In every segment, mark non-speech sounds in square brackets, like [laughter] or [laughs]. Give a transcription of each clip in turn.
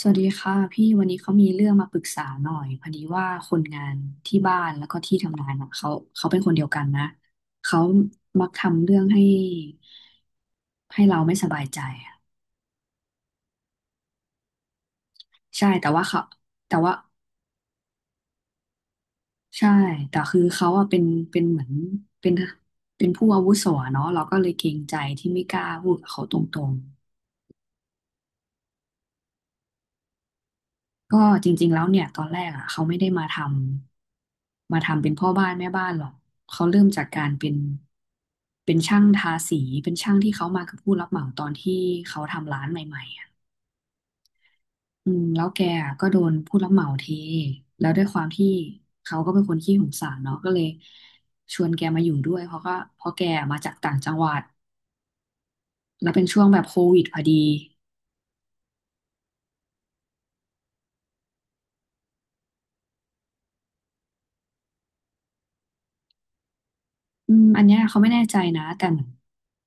สวัสดีค่ะพี่วันนี้เขามีเรื่องมาปรึกษาหน่อยพอดีว่าคนงานที่บ้านแล้วก็ที่ทำงานอ่ะเขาเป็นคนเดียวกันนะเขามักทำเรื่องให้เราไม่สบายใจอะใช่แต่ว่าเขาแต่ว่าใช่แต่คือเขาอ่ะเป็นเป็นเหมือนเป็นเป็นผู้อาวุโสอะเนาะเราก็เลยเกรงใจที่ไม่กล้าพูดกับเขาตรง ก็จริงๆ แล้วเนี่ยตอนแรกอ่ะเขาไม่ได้มาทำเป็นพ่อบ้านแม่บ้านหรอกเขาเริ่มจากการเป็นช่างทาสีเป็นช่างที่เขามากับผู้รับเหมาตอนที่เขาทำร้านใหม่ๆอ่ะแล้วแกอะก็โดนผู้รับเหมาเทแล้วด้วยความที่เขาก็เป็นคนขี้สงสารเนาะก็เลยชวนแกมาอยู่ด้วยเพราะแกมาจากต่างจังหวัดแล้วเป็นช่วงแบบโควิดพอดี อันเนี้ยเขาไม่แน่ใจนะแต่เหมือน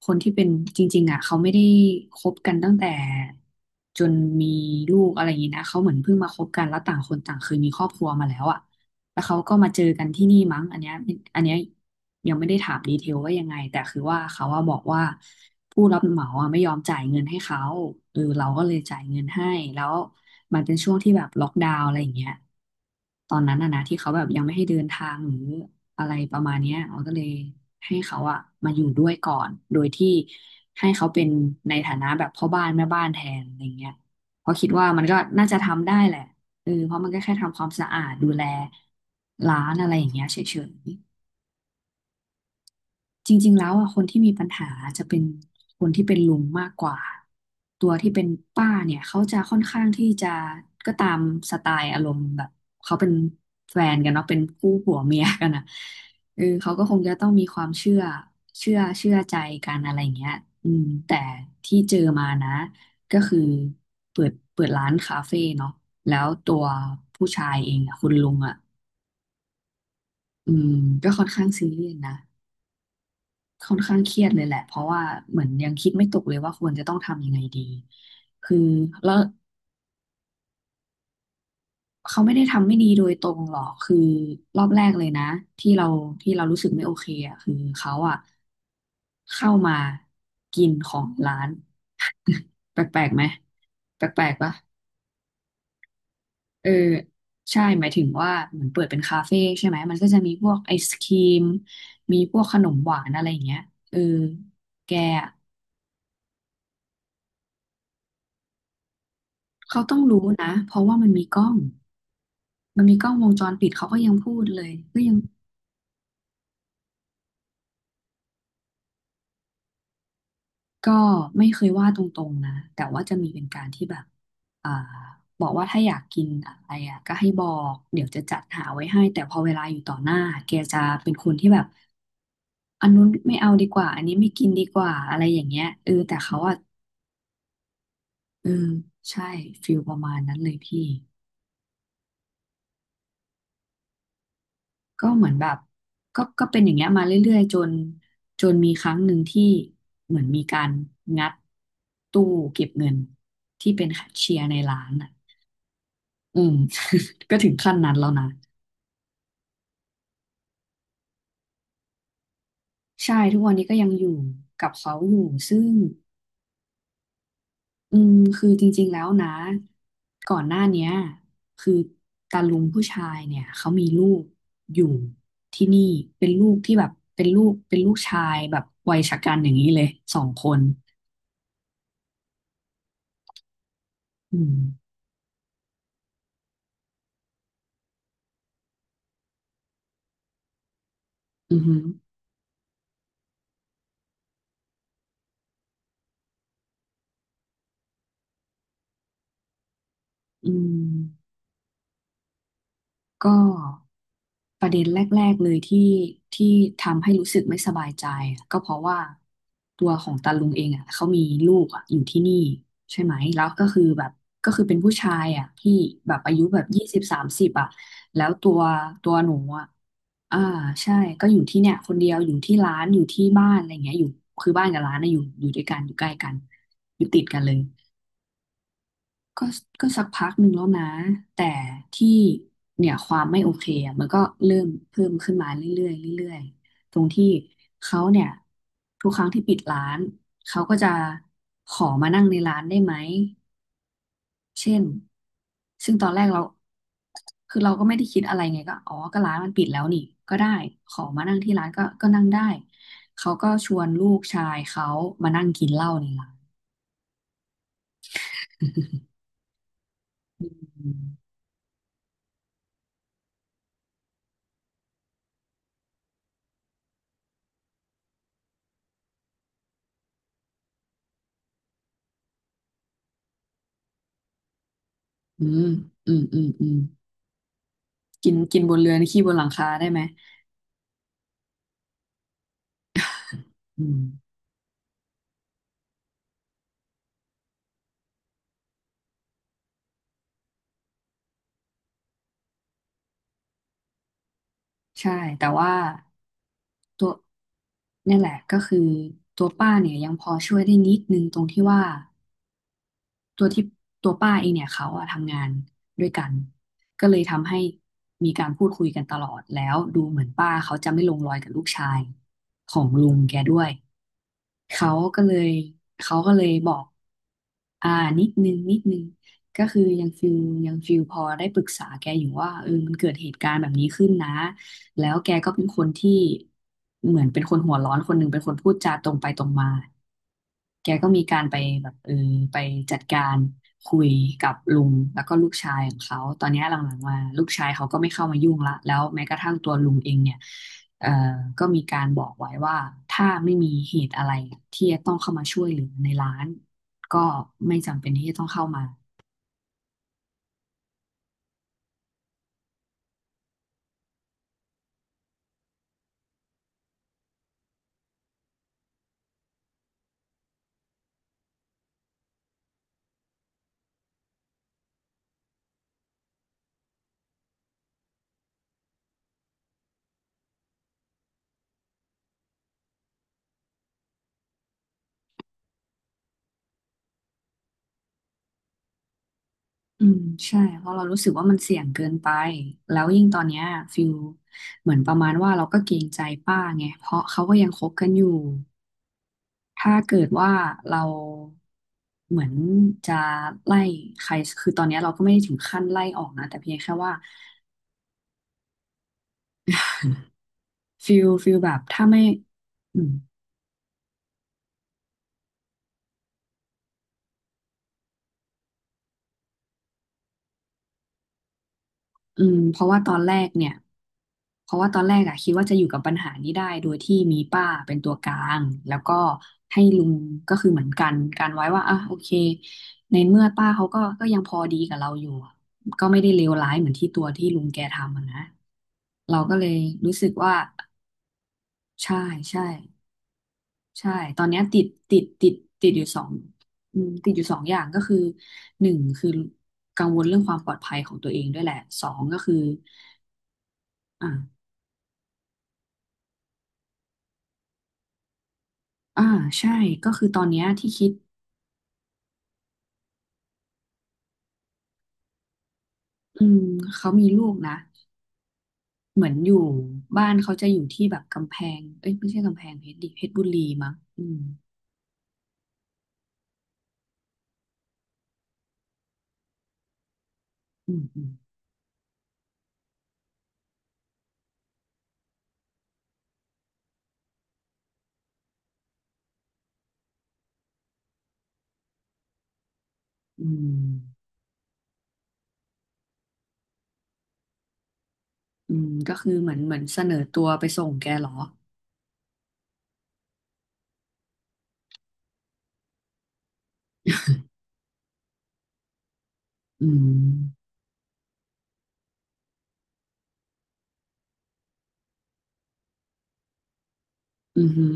คนที่เป็นจริงๆอ่ะเขาไม่ได้คบกันตั้งแต่จนมีลูกอะไรอย่างนี้นะเขาเหมือนเพิ่งมาคบกันแล้วต่างคนต่างเคยมีครอบครัวมาแล้วอ่ะ แล้วเขาก็มาเจอกันที่นี่มั้งอันเนี้ยยังไม่ได้ถามดีเทลว่ายังไงแต่คือว่าเขาว่าบอกว่าผู้รับเหมาอะไม่ยอมจ่ายเงินให้เขาเออเราก็เลยจ่ายเงินให้แล้วมันเป็นช่วงที่แบบล็อกดาวน์อะไรอย่างเงี้ยตอนนั้นอะนะที่เขาแบบยังไม่ให้เดินทางหรืออะไรประมาณเนี้ยเราก็เลยให้เขาอะมาอยู่ด้วยก่อนโดยที่ให้เขาเป็นในฐานะแบบพ่อบ้านแม่บ้านแทนอะไรเงี้ยเพราะคิดว่ามันก็น่าจะทำได้แหละ เออเพราะมันก็แค่ทำความสะอาดดูแลร้านอะไรอย่างเงี้ยเฉย จริงๆ แล้วอ่ะคนที่มีปัญหาจะเป็นคนที่เป็นลุงมากกว่าตัวที่เป็นป้าเนี่ยเขาจะค่อนข้างที่จะก็ตามสไตล์อารมณ์แบบเขาเป็นแฟนกันเนาะเป็นคู่ผัวเมียกันอ่ะเออเขาก็คงจะต้องมีความเชื่อใจกันอะไรอย่างเงี้ยแต่ที่เจอมานะก็คือเปิดร้านคาเฟ่เนาะแล้วตัวผู้ชายเองอ่ะคุณลุงอ่ะอืมก็ค่อนข้างซีเรียสนะ ค่อนข้างเครียดเลยแหละ เพราะว่าเหมือนยังคิดไม่ตกเลยว่าควรจะต้องทำยังไงดีคือแล้วเขาไม่ได้ทำไม่ดีโดยตรงหรอกคือรอบแรกเลยนะที่เราที่เรารู้สึกไม่โอเคอ่ะคือเขาอ่ะเข้ามากินของร้านแปลกๆไหมแปลกๆปะเออใช่หมายถึงว่าเหมือนเปิดเป็นคาเฟ่ใช่ไหมมันก็จะมีพวกไอศครีมมีพวกขนมหวานอะไรอย่างเงี้ยเออแกอะเขาต้องรู้นะเพราะว่ามันมีกล้องวงจรปิดเขาก็ยังพูดเลยก็ยังก็ไม่เคยว่าตรงๆนะแต่ว่าจะมีเป็นการที่แบบอ่าบอกว่าถ้าอยากกินอะไรอ่ะก็ให้บอกเดี๋ยวจะจัดหาไว้ให้แต่พอเวลาอยู่ต่อหน้าแกจะเป็นคนที่แบบอันนู้นไม่เอาดีกว่าอันนี้ไม่กินดีกว่าอะไรอย่างเงี้ยเออแต่เขาอ่ะเออใช่ฟิลประมาณนั้นเลยพี่ ก็เหมือนแบบก็เป็นอย่างเงี้ยมาเรื่อยๆจนมีครั้งหนึ่งที่เหมือนมีการงัดตู้เก็บเงินที่เป็นแคชเชียร์ในร้านอ่ะอืม [laughs] ก็ถึงขั้นนั้นแล้วนะ ใช่ทุกวันนี้ก็ยังอยู่กับเขาอยู่ซึ่งอืมคือจริงๆแล้วนะก่อนหน้าเนี้ยคือตาลุงผู้ชายเนี่ยเขามีลูกอยู่ที่นี่เป็นลูกที่แบบเป็นลูกชายแบบวัยชะกันอย่างนี้เลยสองคนอืม อือหืออืมก็ประเด็นแรกๆเลยที่ที่ทำให้รู้สึกไม่สบายใจอะก็เพราะว่าตัวของตาลุงเองอ่ะเขามีลูกอ่ะอยู่ที่นี่ใช่ไหมแล้วก็คือแบบก็คือเป็นผู้ชายอ่ะที่แบบอายุแบบ20-30อ่ะแล้วตัวหนูอ่ะอ่าใช่ก็อยู่ที่เนี่ยคนเดียวอยู่ที่ร้านอยู่ที่บ้านอะไรเงี้ยอยู่คือบ้านกับร้านนะอยู่ด้วยกันอยู่ใกล้กันอยู่ติดกันเลย ก็ก็สักพักหนึ่งแล้วนะแต่ที่เนี่ยความไม่โอเคอะมันก็เริ่มเพิ่มขึ้นมาเรื่อยๆเรื่อยๆตรงที่เขาเนี่ยทุกครั้งที่ปิดร้านเขาก็จะขอมานั่งในร้านได้ไหมเช่นซึ่งตอนแรกเราคือเราก็ไม่ได้คิดอะไรไงก็อ๋อก็ร้านมันปิดแล้วนี่ก็ได้ขอมานั่งที่ร้านก็ก็นั่งได้เขาก็ชวนลูกชายเขามานั่งกินเหล้าในร้านอืมอืมอืมอืมอืม กินกินบนเรือนี่ขี้บนหลังคาได้ไหมอืมใช่แต่ว่าตัวเนี่ยแหละก็คือตัวป้าเนี่ยยังพอช่วยได้นิดนึงตรงที่ว่าตัวที่ตัวป้าเองเนี่ยเขาอะทำงานด้วยกันก็เลยทำให้มีการพูดคุยกันตลอดแล้วดูเหมือนป้าเขาจะไม่ลงรอยกับลูกชายของลุงแกด้วย เขาก็เลยเขาก็เลยบอกอ่านิดนึงนิดนึงก็คือยังฟิลพอได้ปรึกษาแกอยู่ว่าเออมันเกิดเหตุการณ์แบบนี้ขึ้นนะแล้วแกก็เป็นคนที่เหมือนเป็นคนหัวร้อนคนหนึ่งเป็นคนพูดจาตรงไปตรงมา แกก็มีการไปแบบไปจัดการคุยกับลุงแล้วก็ลูกชายของเขาตอนเนี้ยหลังๆมาลูกชายเขาก็ไม่เข้ามายุ่งละแล้วแม้กระทั่งตัวลุงเองเนี่ยเอ่อก็มีการบอกไว้ว่าถ้าไม่มีเหตุอะไรที่จะต้องเข้ามาช่วยเหลือในร้านก็ไม่จำเป็นที่จะต้องเข้ามาอืมใช่เพราะเรารู้สึกว่ามันเสี่ยงเกินไปแล้วยิ่งตอนเนี้ยฟิลเหมือนประมาณว่าเราก็เกรงใจป้าไงเพราะเขาก็ยังคบกันอยู่ ถ้าเกิดว่าเราเหมือนจะไล่ใครคือตอนนี้เราก็ไม่ได้ถึงขั้นไล่ออกนะแต่เพียงแค่ว่าฟิลแบบถ้าไม่อืมอืมเพราะว่าตอนแรกอะคิดว่าจะอยู่กับปัญหานี้ได้โดยที่มีป้าเป็นตัวกลางแล้วก็ให้ลุงก็คือเหมือนกันการไว้ว่าอ่ะโอเคในเมื่อป้าเขาก็ยังพอดีกับเราอยู่อะก็ไม่ได้เลวร้ายเหมือนที่ตัวที่ลุงแกทำอะนะเราก็เลยรู้สึกว่า ใช่ใช่ใช่ตอนเนี้ยติดติดติดอยู่สองอืมติดอยู่สองอย่างก็คือหนึ่งคือกังวลเรื่องความปลอดภัยของตัวเองด้วยแหละสองก็คืออ่าอ่าใช่ก็คือตอนเนี้ยที่คิดอืมเขามีลูกนะเหมือนอยู่บ้านเขาจะอยู่ที่แบบกำแพงเอ้ยไม่ใช่กำแพงเพชรดิเพชรบุรีมั้งอืมอืมอืมอืมอืมก็คือเหมือนเสนอตัวไปส่งแกเหรออืมอืมอหือ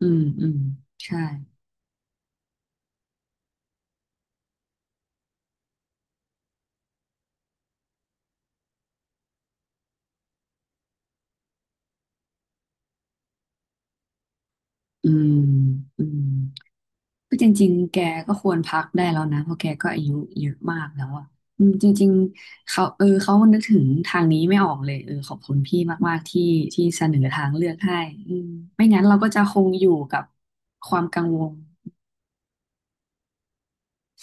อืมอืมใช่ อืมอืมคือจริงๆแกก็ควรพักได้แล้วนะเพราะแกก็อายุเยอะมากแล้วอ่ะอืมจริงๆเขาเออเขานึกถึงทางนี้ไม่ออกเลยเออขอบคุณพี่มากๆที่ที่เสนอทางเลือกให้อืมไม่งั้นเราก็จะคงอยู่กับความกังวล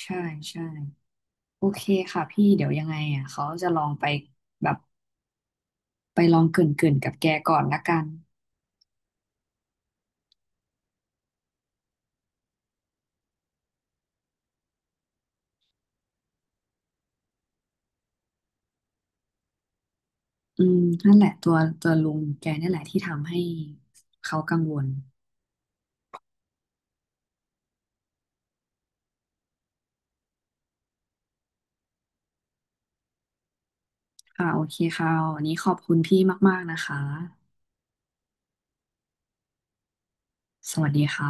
ใช่ใช่โอเคค่ะพี่เดี๋ยวยังไงอ่ะเขาจะลองไปแบบไปลองเกริ่นๆกับแกก่อนละกันอืมนั่นแหละตัวตัวลุงแกนี่แหละที่ทำให้เขากังวล ค่ะโอเคค่ะวันนี้ขอบคุณพี่มากๆนะคะ สวัสดีค่ะ